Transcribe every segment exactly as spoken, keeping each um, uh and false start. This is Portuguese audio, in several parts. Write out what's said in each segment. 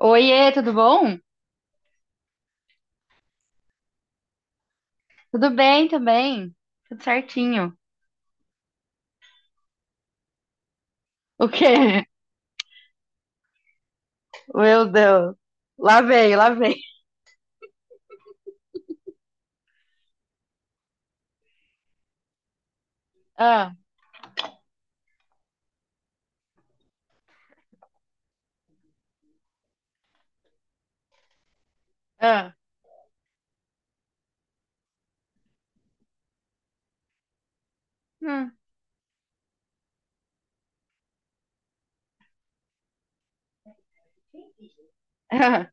Oiê, tudo bom? Tudo bem também. Tudo certinho. O quê? Meu Deus. Lá vem, lá vem. Ah, ah, hum, ah.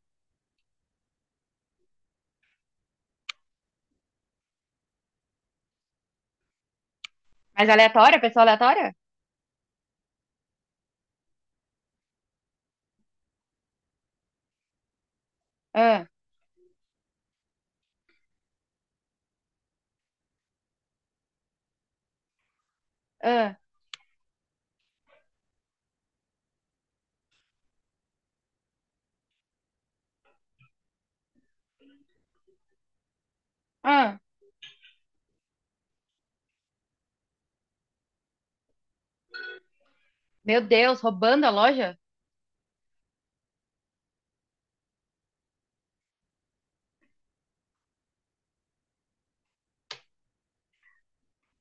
Mas aleatória? Pessoa aleatória? Ah, ah, ah. Meu Deus, roubando a loja?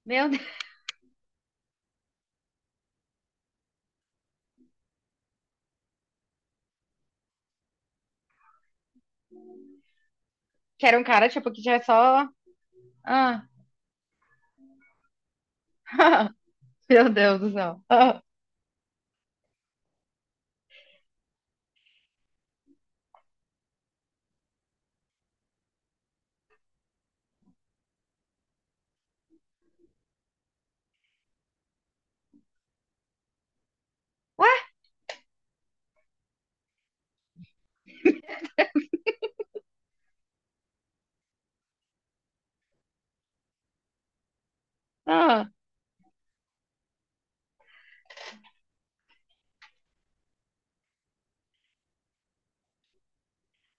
Meu Deus. Que era um cara, tipo, que já é só. Ah, Meu Deus do céu. Ah, ué? Ah,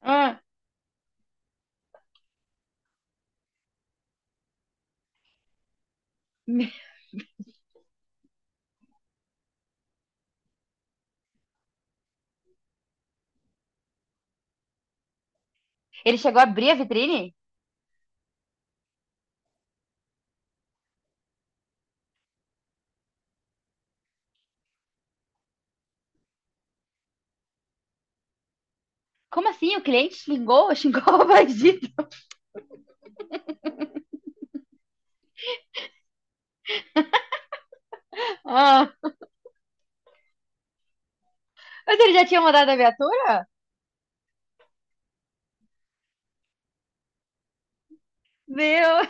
ah. Ele chegou a abrir a vitrine? Como assim? O cliente xingou? Xingou o bandido? Ah, mas ele já tinha mandado a viatura? Meu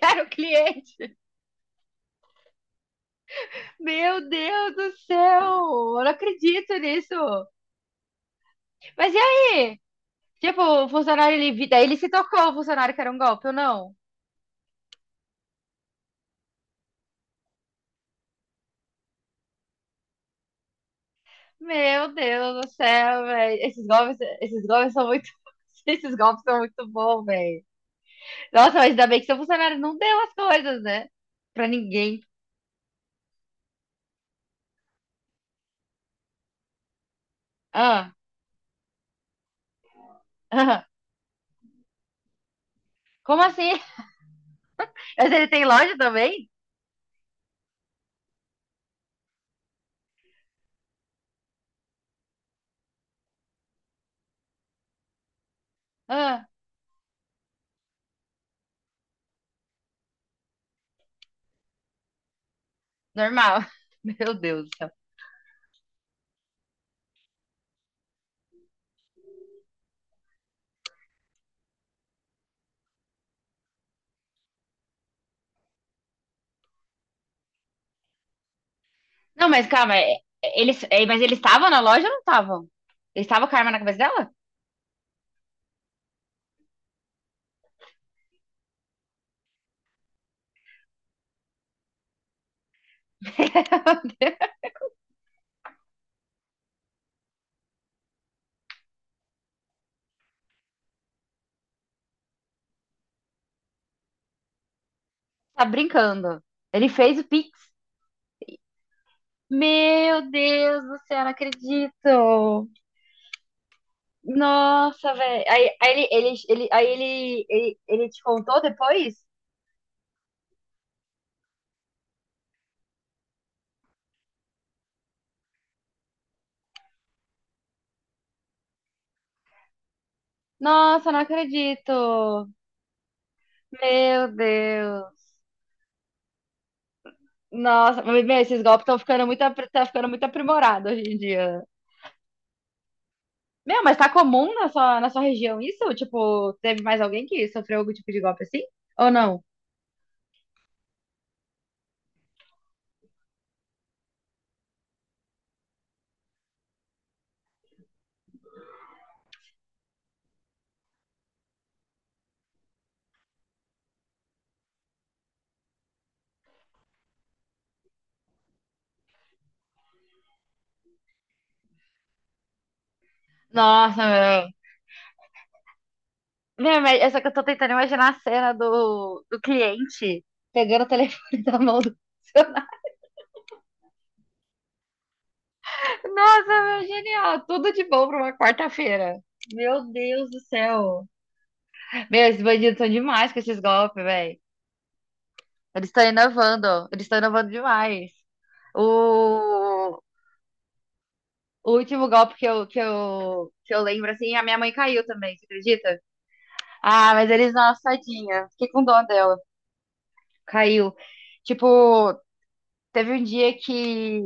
era o cliente. Meu Deus do céu, eu não acredito nisso. Mas e aí? Tipo, o funcionário, ele, daí ele se tocou, o funcionário que era um golpe ou não? Meu Deus do céu, velho. Esses golpes, esses golpes são muito. Esses golpes são muito bons, velho. Nossa, mas ainda bem que seu funcionário não deu as coisas, né? Pra ninguém. Ah, ah. Como assim? Mas ele tem loja também? Ah, normal. Meu Deus do céu. Não, mas calma, é- é- eles, é, mas eles estavam na loja ou não estavam? Eles estavam com a arma na cabeça dela? Tá brincando. Ele fez o Pix. Meu Deus do céu, não acredito. Nossa, velho. Aí, aí ele, ele, ele, aí ele, ele, ele te contou depois? Nossa, não acredito. Meu Deus. Nossa, mas, meu, esses golpes estão ficando muito, apri- tá ficando muito aprimorado hoje em dia. Meu, mas tá comum na sua, na sua região isso? Tipo, teve mais alguém que sofreu algum tipo de golpe assim? Ou não? Nossa, meu. Meu, mas é só que eu tô tentando imaginar a cena do, do cliente pegando o telefone da mão do funcionário. Nossa, meu, genial. Tudo de bom pra uma quarta-feira. Meu Deus do céu. Meu, esses bandidos são demais com esses golpes, velho. Eles estão inovando. Eles estão inovando demais. O, o último golpe que eu, que eu, que eu lembro, assim, a minha mãe caiu também, você acredita? Ah, mas eles, nossa, tadinha. Fiquei com dó dela. Caiu. Tipo, teve um dia que,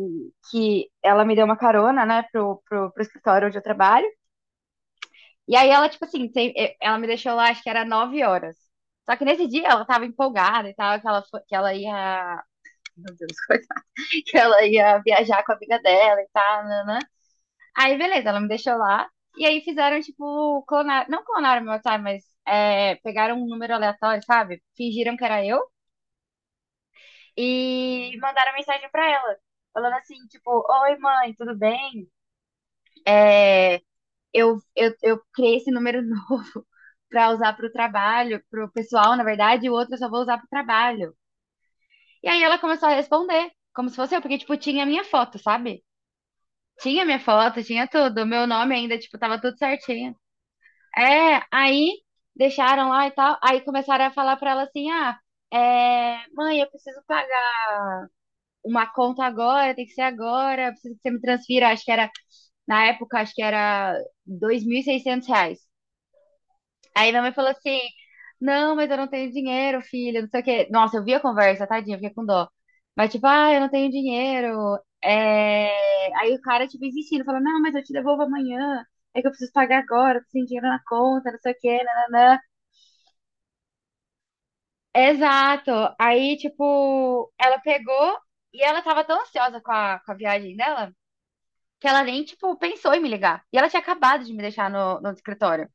que ela me deu uma carona, né, pro, pro, pro escritório onde eu trabalho. E aí ela, tipo assim, tem- eh, ela me deixou lá, acho que era nove horas. Só que nesse dia ela tava empolgada e tal, que ela, fo- que ela ia. Meu Deus, coisa. Que ela ia viajar com a amiga dela e tal, nanã. Aí, beleza, ela me deixou lá. E aí fizeram, tipo, clonar. Não clonaram meu time, mas eh, pegaram um número aleatório, sabe? Fingiram que era eu. E mandaram mensagem pra ela, falando assim, tipo, oi mãe, tudo bem? É, eu, eu, eu criei esse número novo pra usar pro trabalho, pro pessoal, na verdade, e o outro eu só vou usar pro trabalho. E aí ela começou a responder, como se fosse eu, porque, tipo, tinha a minha foto, sabe? Tinha minha foto, tinha tudo, meu nome ainda, tipo, tava tudo certinho. É, aí deixaram lá e tal, aí começaram a falar pra ela assim, ah, é, mãe, eu preciso pagar uma conta agora, tem que ser agora, preciso que você me transfira, acho que era, na época, acho que era dois mil e seiscentos reais. Aí minha mãe falou assim, não, mas eu não tenho dinheiro, filha, não sei o quê. Nossa, eu vi a conversa, tadinha, fiquei com dó. Mas tipo, ah, eu não tenho dinheiro. É... Aí o cara, tipo, insistindo, falou não, mas eu te devolvo amanhã. É que eu preciso pagar agora, eu preciso de dinheiro na conta, não sei o quê, nananã. Exato. Aí, tipo, ela pegou e ela tava tão ansiosa com a, com a viagem dela, que ela nem, tipo, pensou em me ligar. E ela tinha acabado de me deixar no, no escritório.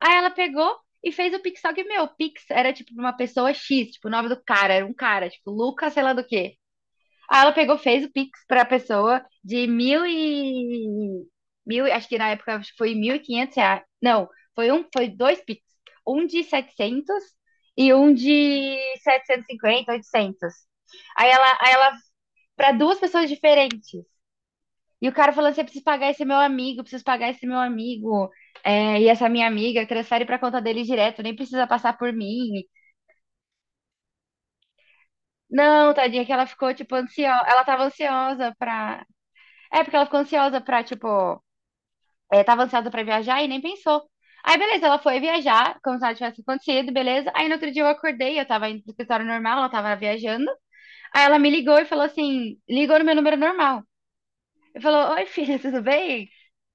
Aí ela pegou e fez o Pix, só que, meu, o Pix era, tipo, pra uma pessoa X, tipo, o nome do cara, era um cara, tipo, Lucas, sei lá do quê. Aí ela pegou, fez o Pix pra pessoa de mil e... Mil, acho que na época foi mil e quinhentos reais. Não, foi um, foi dois Pix. Um de setecentos e um de setecentos e cinquenta, oitocentos. Aí ela, aí ela para duas pessoas diferentes. E o cara falando assim, eu preciso pagar esse meu amigo, eu preciso pagar esse meu amigo, é, e essa minha amiga transfere pra conta dele direto, nem precisa passar por mim. Não, tadinha, que ela ficou, tipo, ansiosa, ela tava ansiosa pra... É, porque ela ficou ansiosa pra, tipo, é, tava ansiosa pra viajar e nem pensou. Aí, beleza, ela foi viajar, como se nada tivesse acontecido, beleza. Aí, no outro dia eu acordei, eu tava indo pro escritório normal, ela tava viajando. Aí ela me ligou e falou assim, ligou no meu número normal. Ele falou: oi, filha, tudo bem?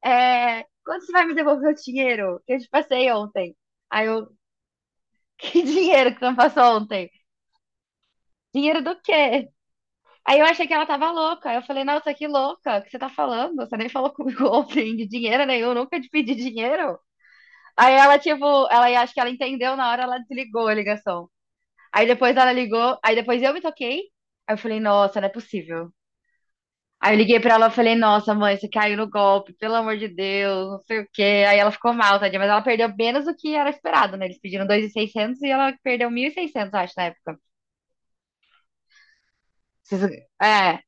É, quando você vai me devolver o dinheiro que eu te passei ontem? Aí eu: que dinheiro que você me passou ontem? Dinheiro do quê? Aí eu achei que ela tava louca. Aí eu falei: nossa, que louca, o que você tá falando? Você nem falou comigo ontem de dinheiro nenhum, nunca te pedi dinheiro. Aí ela, tipo, ela acho que ela entendeu na hora, ela desligou a ligação. Aí depois ela ligou, aí depois eu me toquei. Aí eu falei, nossa, não é possível. Aí eu liguei pra ela e falei, nossa, mãe, você caiu no golpe, pelo amor de Deus, não sei o quê. Aí ela ficou mal, tadinha, mas ela perdeu menos do que era esperado, né? Eles pediram dois mil e seiscentos e ela perdeu mil e seiscentos acho, na época. Vocês- é,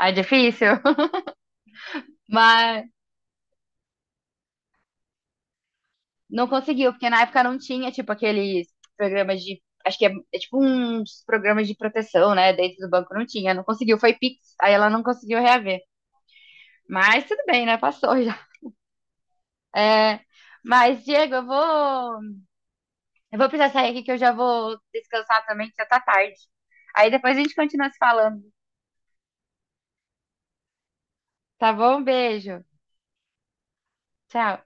é difícil, mas não conseguiu, porque na época não tinha, tipo, aqueles programas de, acho que é, é tipo uns programas de proteção, né? Dentro do banco não tinha, não conseguiu, foi Pix, aí ela não conseguiu reaver. Mas tudo bem, né? Passou já. É, mas, Diego, eu vou. Eu vou precisar sair aqui que eu já vou descansar também, que já tá tarde. Aí depois a gente continua se falando, tá bom? Beijo. Tchau.